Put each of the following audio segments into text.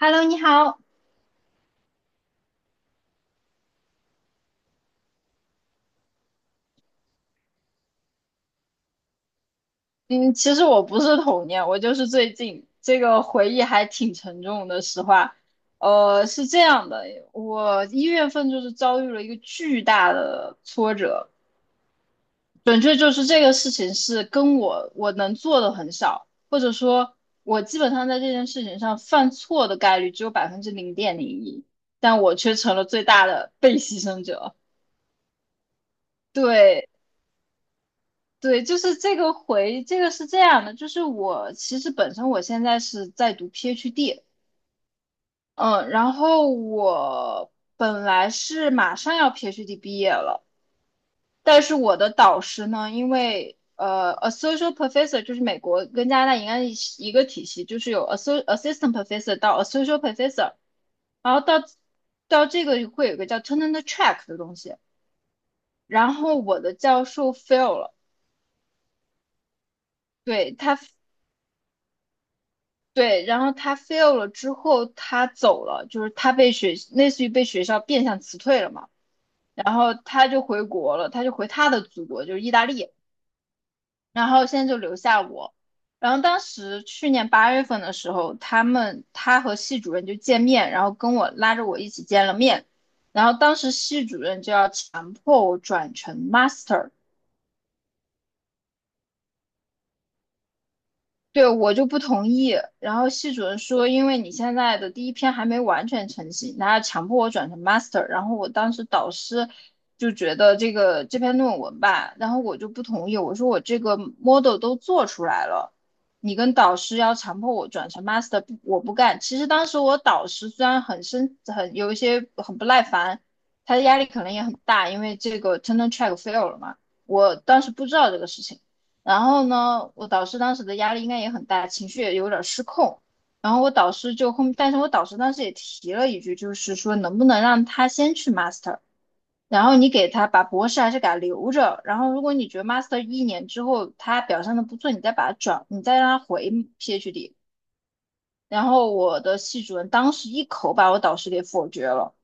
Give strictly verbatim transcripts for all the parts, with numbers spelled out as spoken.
Hello，你好。嗯，其实我不是童年，我就是最近这个回忆还挺沉重的。实话，呃，是这样的，我一月份就是遭遇了一个巨大的挫折，准确就是这个事情是跟我我能做的很少，或者说，我基本上在这件事情上犯错的概率只有百分之零点零一，但我却成了最大的被牺牲者。对，对，就是这个回，这个是这样的，就是我其实本身我现在是在读 PhD，嗯，然后我本来是马上要 PhD 毕业了，但是我的导师呢，因为呃，associate professor 就是美国跟加拿大应该是一个体系，就是有 asso- assistant professor 到 associate professor,然后到到这个会有一个叫 tenure track 的东西，然后我的教授 fail 了。对，他对，然后他 fail 了之后，他走了，就是他被学，类似于被学校变相辞退了嘛。然后他就回国了，他就回他的祖国，就是意大利。然后现在就留下我。然后当时去年八月份的时候，他们他和系主任就见面，然后跟我拉着我一起见了面。然后当时系主任就要强迫我转成 master,对，我就不同意。然后系主任说，因为你现在的第一篇还没完全成型，然要强迫我转成 master。然后我当时导师就觉得这个这篇论文吧，然后我就不同意。我说我这个 model 都做出来了，你跟导师要强迫我转成 master,不我不干。其实当时我导师虽然很生很有一些很不耐烦，他的压力可能也很大，因为这个 tenure track fail 了嘛。我当时不知道这个事情。然后呢，我导师当时的压力应该也很大，情绪也有点儿失控。然后我导师就后，但是我导师当时也提了一句，就是说能不能让他先去 master,然后你给他把博士还是给他留着。然后如果你觉得 master 一年之后他表现的不错，你再把他转，你再让他回 PhD。然后我的系主任当时一口把我导师给否决了。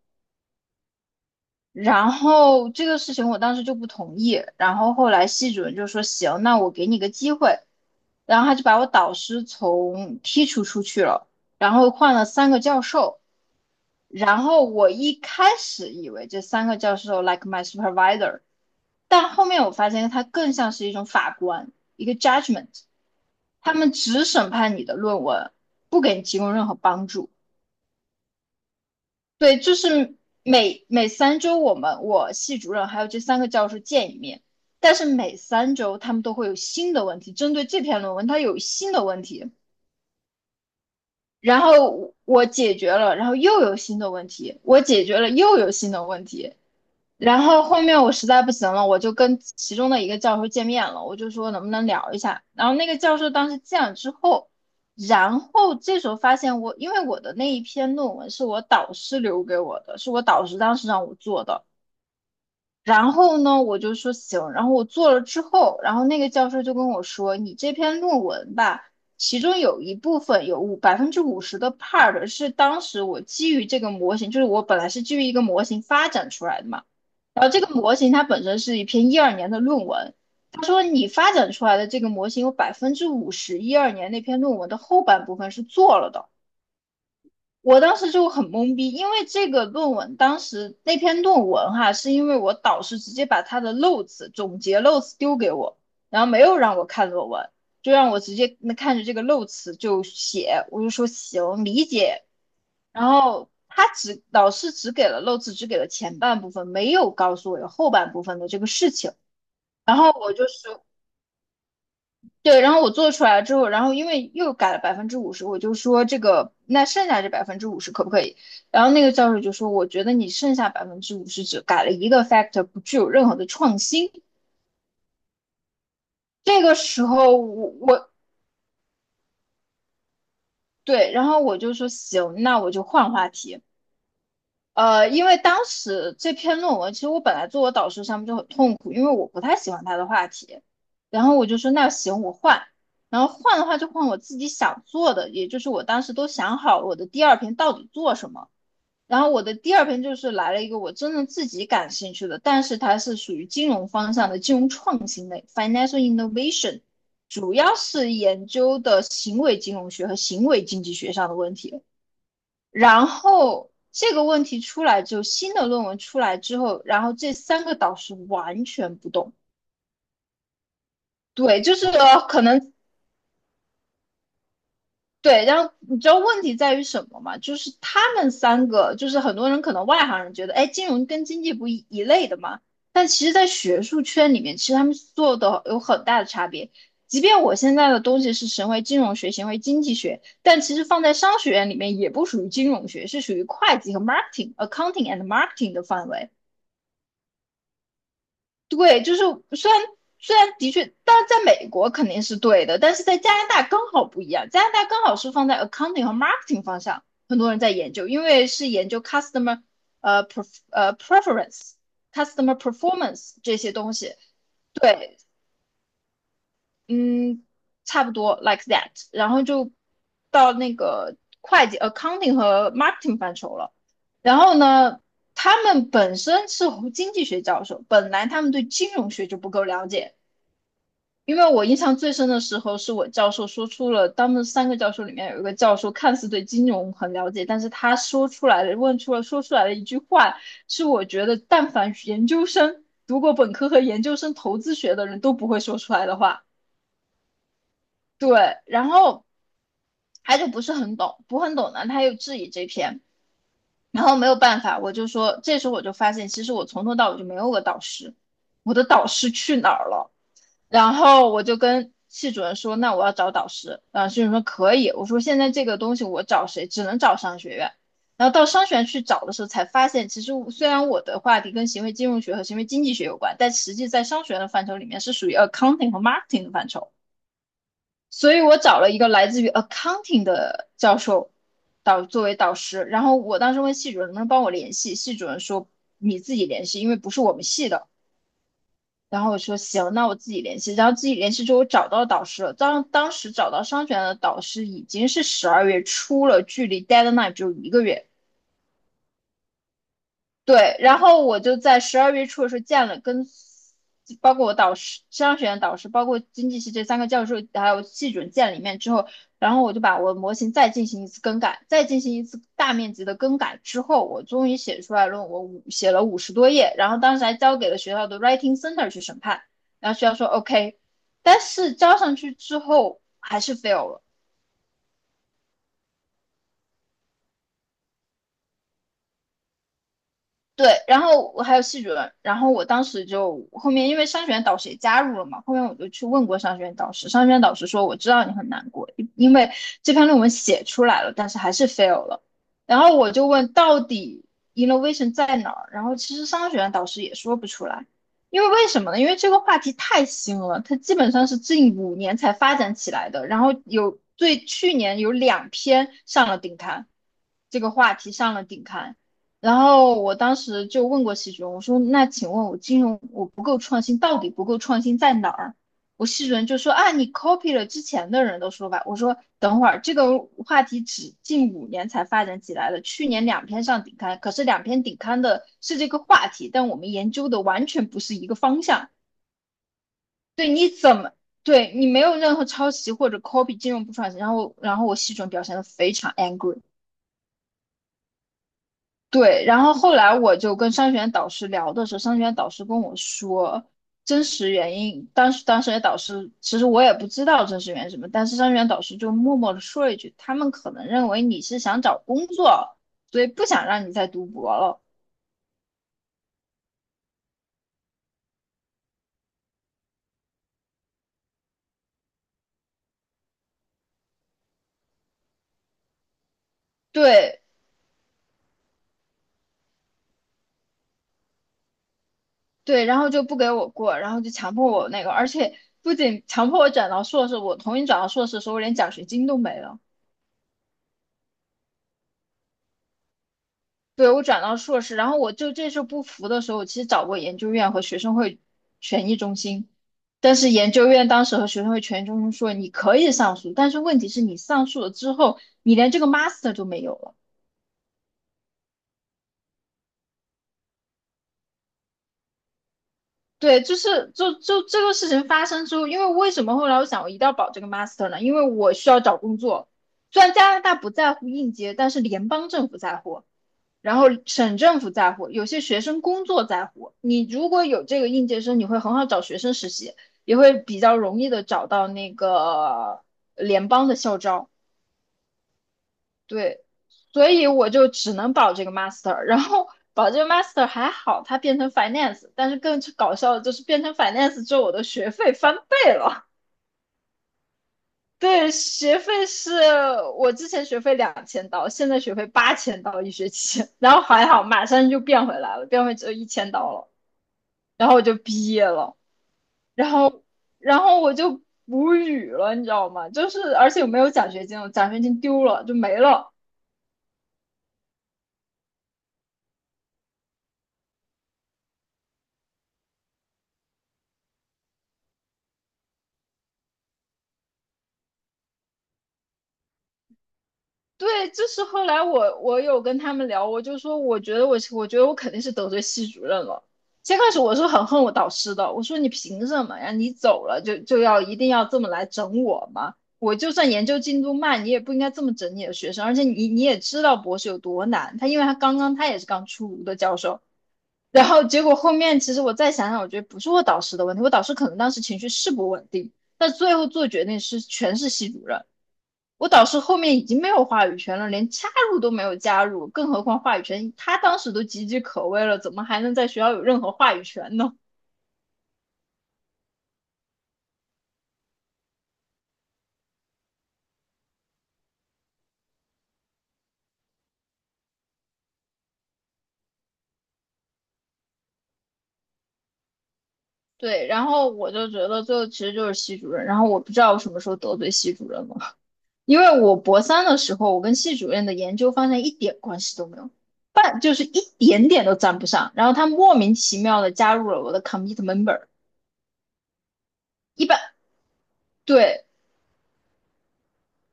然后这个事情我当时就不同意，然后后来系主任就说行，那我给你个机会，然后他就把我导师从剔除出去了，然后换了三个教授，然后我一开始以为这三个教授 like my supervisor,但后面我发现他更像是一种法官，一个 judgment,他们只审判你的论文，不给你提供任何帮助。对，就是每每三周我们我系主任还有这三个教授见一面，但是每三周他们都会有新的问题，针对这篇论文它有新的问题，然后我解决了，然后又有新的问题，我解决了又有新的问题，然后后面我实在不行了，我就跟其中的一个教授见面了，我就说能不能聊一下。然后那个教授当时见了之后，然后这时候发现我，因为我的那一篇论文是我导师留给我的，是我导师当时让我做的。然后呢，我就说行。然后我做了之后，然后那个教授就跟我说，你这篇论文吧，其中有一部分有五百分之五十的 part 是当时我基于这个模型，就是我本来是基于一个模型发展出来的嘛。然后这个模型它本身是一篇一二年的论文，他说你发展出来的这个模型有百分之五十一二年那篇论文的后半部分是做了的。我当时就很懵逼，因为这个论文当时那篇论文哈，是因为我导师直接把他的漏词总结漏词丢给我，然后没有让我看论文，就让我直接那看着这个漏词就写，我就说行，理解然后他只老师只给了漏字，只给了前半部分，没有告诉我有后半部分的这个事情。然后我就说，对，然后我做出来之后，然后因为又改了百分之五十，我就说这个那剩下这百分之五十可不可以？然后那个教授就说，我觉得你剩下百分之五十只改了一个 factor,不具有任何的创新。这个时候我我对，然后我就说行，那我就换话题。呃，因为当时这篇论文，其实我本来做我导师上面就很痛苦，因为我不太喜欢他的话题，然后我就说那行我换，然后换的话就换我自己想做的，也就是我当时都想好了我的第二篇到底做什么，然后我的第二篇就是来了一个我真正自己感兴趣的，但是它是属于金融方向的金融创新类 （(financial innovation),主要是研究的行为金融学和行为经济学上的问题。然后这个问题出来之后，新的论文出来之后，然后这三个导师完全不动。对，就是可能对，然后你知道问题在于什么吗？就是他们三个，就是很多人可能外行人觉得，哎，金融跟经济不一一类的嘛，但其实，在学术圈里面，其实他们做的有很大的差别。即便我现在的东西是行为金融学，行为经济学，但其实放在商学院里面也不属于金融学，是属于会计和 marketing、accounting and marketing 的范围。对，就是虽然虽然的确，但是在美国肯定是对的，但是在加拿大刚好不一样，加拿大刚好是放在 accounting 和 marketing 方向，很多人在研究，因为是研究 customer 呃 pref 呃 preference、customer performance 这些东西。对，嗯，差不多 like that,然后就到那个会计 accounting 和 marketing 范畴了。然后呢，他们本身是经济学教授，本来他们对金融学就不够了解。因为我印象最深的时候，是我教授说出了他们三个教授里面有一个教授看似对金融很了解，但是他说出来的问出了说出来的一句话，是我觉得但凡研究生读过本科和研究生投资学的人都不会说出来的话。对，然后他就不是很懂，不很懂呢，他又质疑这篇，然后没有办法，我就说，这时候我就发现，其实我从头到尾就没有个导师，我的导师去哪儿了？然后我就跟系主任说，那我要找导师。然后系主任说可以。我说现在这个东西我找谁？只能找商学院。然后到商学院去找的时候，才发现其实虽然我的话题跟行为金融学和行为经济学有关，但实际在商学院的范畴里面是属于 accounting 和 marketing 的范畴。所以我找了一个来自于 accounting 的教授导作为导师。然后我当时问系主任能不能帮我联系，系主任说你自己联系，因为不是我们系的。然后我说行，那我自己联系。然后自己联系之后，我找到导师了。当当时找到商学院的导师已经是十二月初了，距离 deadline 只有一个月。对，然后我就在十二月初的时候见了跟，包括我导师、商学院导师，包括经济系这三个教授，还有系准任见了一面之后，然后我就把我的模型再进行一次更改，再进行一次大面积的更改之后，我终于写出来论文，五写了五十多页，然后当时还交给了学校的 Writing Center 去审判，然后学校说 OK，但是交上去之后还是 fail 了。对，然后我还有系主任，然后我当时就后面因为商学院导师也加入了嘛，后面我就去问过商学院导师，商学院导师说我知道你很难过，因因为这篇论文写出来了，但是还是 fail 了。然后我就问到底 innovation 在哪儿，然后其实商学院导师也说不出来，因为为什么呢？因为这个话题太新了，它基本上是近五年才发展起来的，然后有对去年有两篇上了顶刊，这个话题上了顶刊。然后我当时就问过系主任，我说："那请问我金融我不够创新，到底不够创新在哪儿？"我系主任就说："啊，你 copy 了之前的人的说法。"我说："等会儿这个话题只近五年才发展起来的，去年两篇上顶刊，可是两篇顶刊的是这个话题，但我们研究的完全不是一个方向。对，你怎么对你没有任何抄袭或者 copy 金融不创新？"然后，然后我系主任表现得非常 angry。对，然后后来我就跟商学院导师聊的时候，商学院导师跟我说真实原因。当时当时的导师其实我也不知道真实原因是什么，但是商学院导师就默默的说了一句，他们可能认为你是想找工作，所以不想让你再读博了。对对，然后就不给我过，然后就强迫我那个，而且不仅强迫我转到硕士，我同意转到硕士的时候，我连奖学金都没了。对，我转到硕士，然后我就这事不服的时候，我其实找过研究院和学生会权益中心，但是研究院当时和学生会权益中心说你可以上诉，但是问题是你上诉了之后，你连这个 master 都没有了。对，就是就就这个事情发生之后，因为为什么后来我想我一定要保这个 master 呢？因为我需要找工作，虽然加拿大不在乎应届，但是联邦政府在乎。然后省政府在乎，有些学生工作在乎。你如果有这个应届生，你会很好找学生实习，也会比较容易的找到那个联邦的校招。对，所以我就只能保这个 master，然后保这个 master 还好，它变成 finance，但是更搞笑的就是变成 finance 之后，我的学费翻倍了。对，学费是我之前学费两千刀，现在学费八千刀一学期，然后还好马上就变回来了，变回只有一千刀了。然后我就毕业了，然后然后我就无语了，你知道吗？就是而且我没有奖学金，我奖学金丢了就没了。对，就是后来我我有跟他们聊，我就说我觉得我我觉得我肯定是得罪系主任了。先开始我是很恨我导师的，我说你凭什么呀？你走了就就要一定要这么来整我吗？我就算研究进度慢，你也不应该这么整你的学生，而且你你也知道博士有多难，他因为他刚刚他也是刚出炉的教授，然后结果后面其实我再想想，我觉得不是我导师的问题，我导师可能当时情绪是不稳定，但最后做决定是全是系主任。我导师后面已经没有话语权了，连加入都没有加入，更何况话语权，他当时都岌岌可危了，怎么还能在学校有任何话语权呢？对，然后我就觉得最后其实就是系主任，然后我不知道我什么时候得罪系主任了。因为我博三的时候，我跟系主任的研究方向一点关系都没有，半就是一点点都沾不上。然后他莫名其妙的加入了我的 commit member，一般对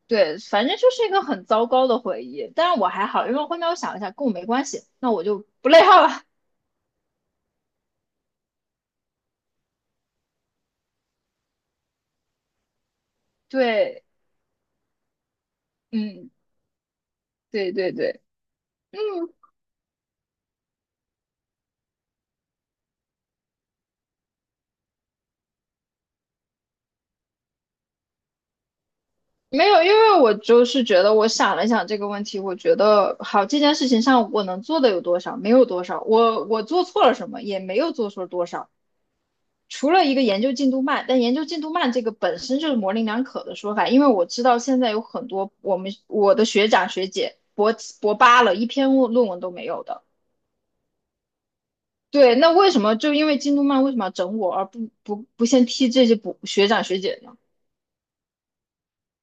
对，反正就是一个很糟糕的回忆。但是我还好，因为后面我想了一下，跟我没关系，那我就不内耗了。对，嗯，对对对，嗯，没有，因为我就是觉得我想了想这个问题，我觉得好这件事情上我能做的有多少，没有多少，我我做错了什么，也没有做错多少。除了一个研究进度慢，但研究进度慢这个本身就是模棱两可的说法，因为我知道现在有很多我们我的学长学姐博博八了，一篇论论文都没有的。对，那为什么就因为进度慢，为什么要整我，而不不不先批这些博学长学姐呢？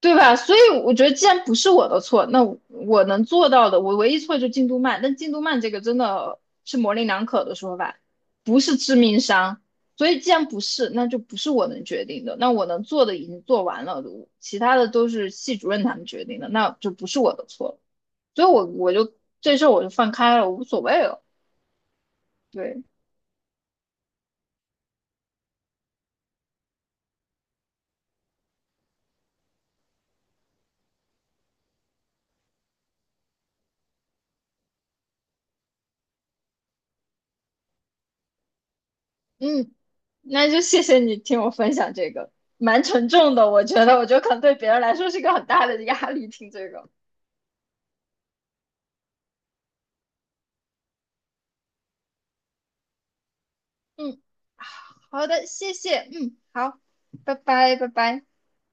对吧？所以我觉得，既然不是我的错，那我我能做到的，我唯一错就进度慢。但进度慢这个真的是模棱两可的说法，不是致命伤。所以既然不是，那就不是我能决定的。那我能做的已经做完了，其他的都是系主任他们决定的，那就不是我的错了。所以我我就这事儿我就放开了，无所谓了。对，嗯，那就谢谢你听我分享这个，蛮沉重的，我觉得，我觉得可能对别人来说是一个很大的压力，听这个。嗯，好的，谢谢，嗯，好，拜拜，拜拜。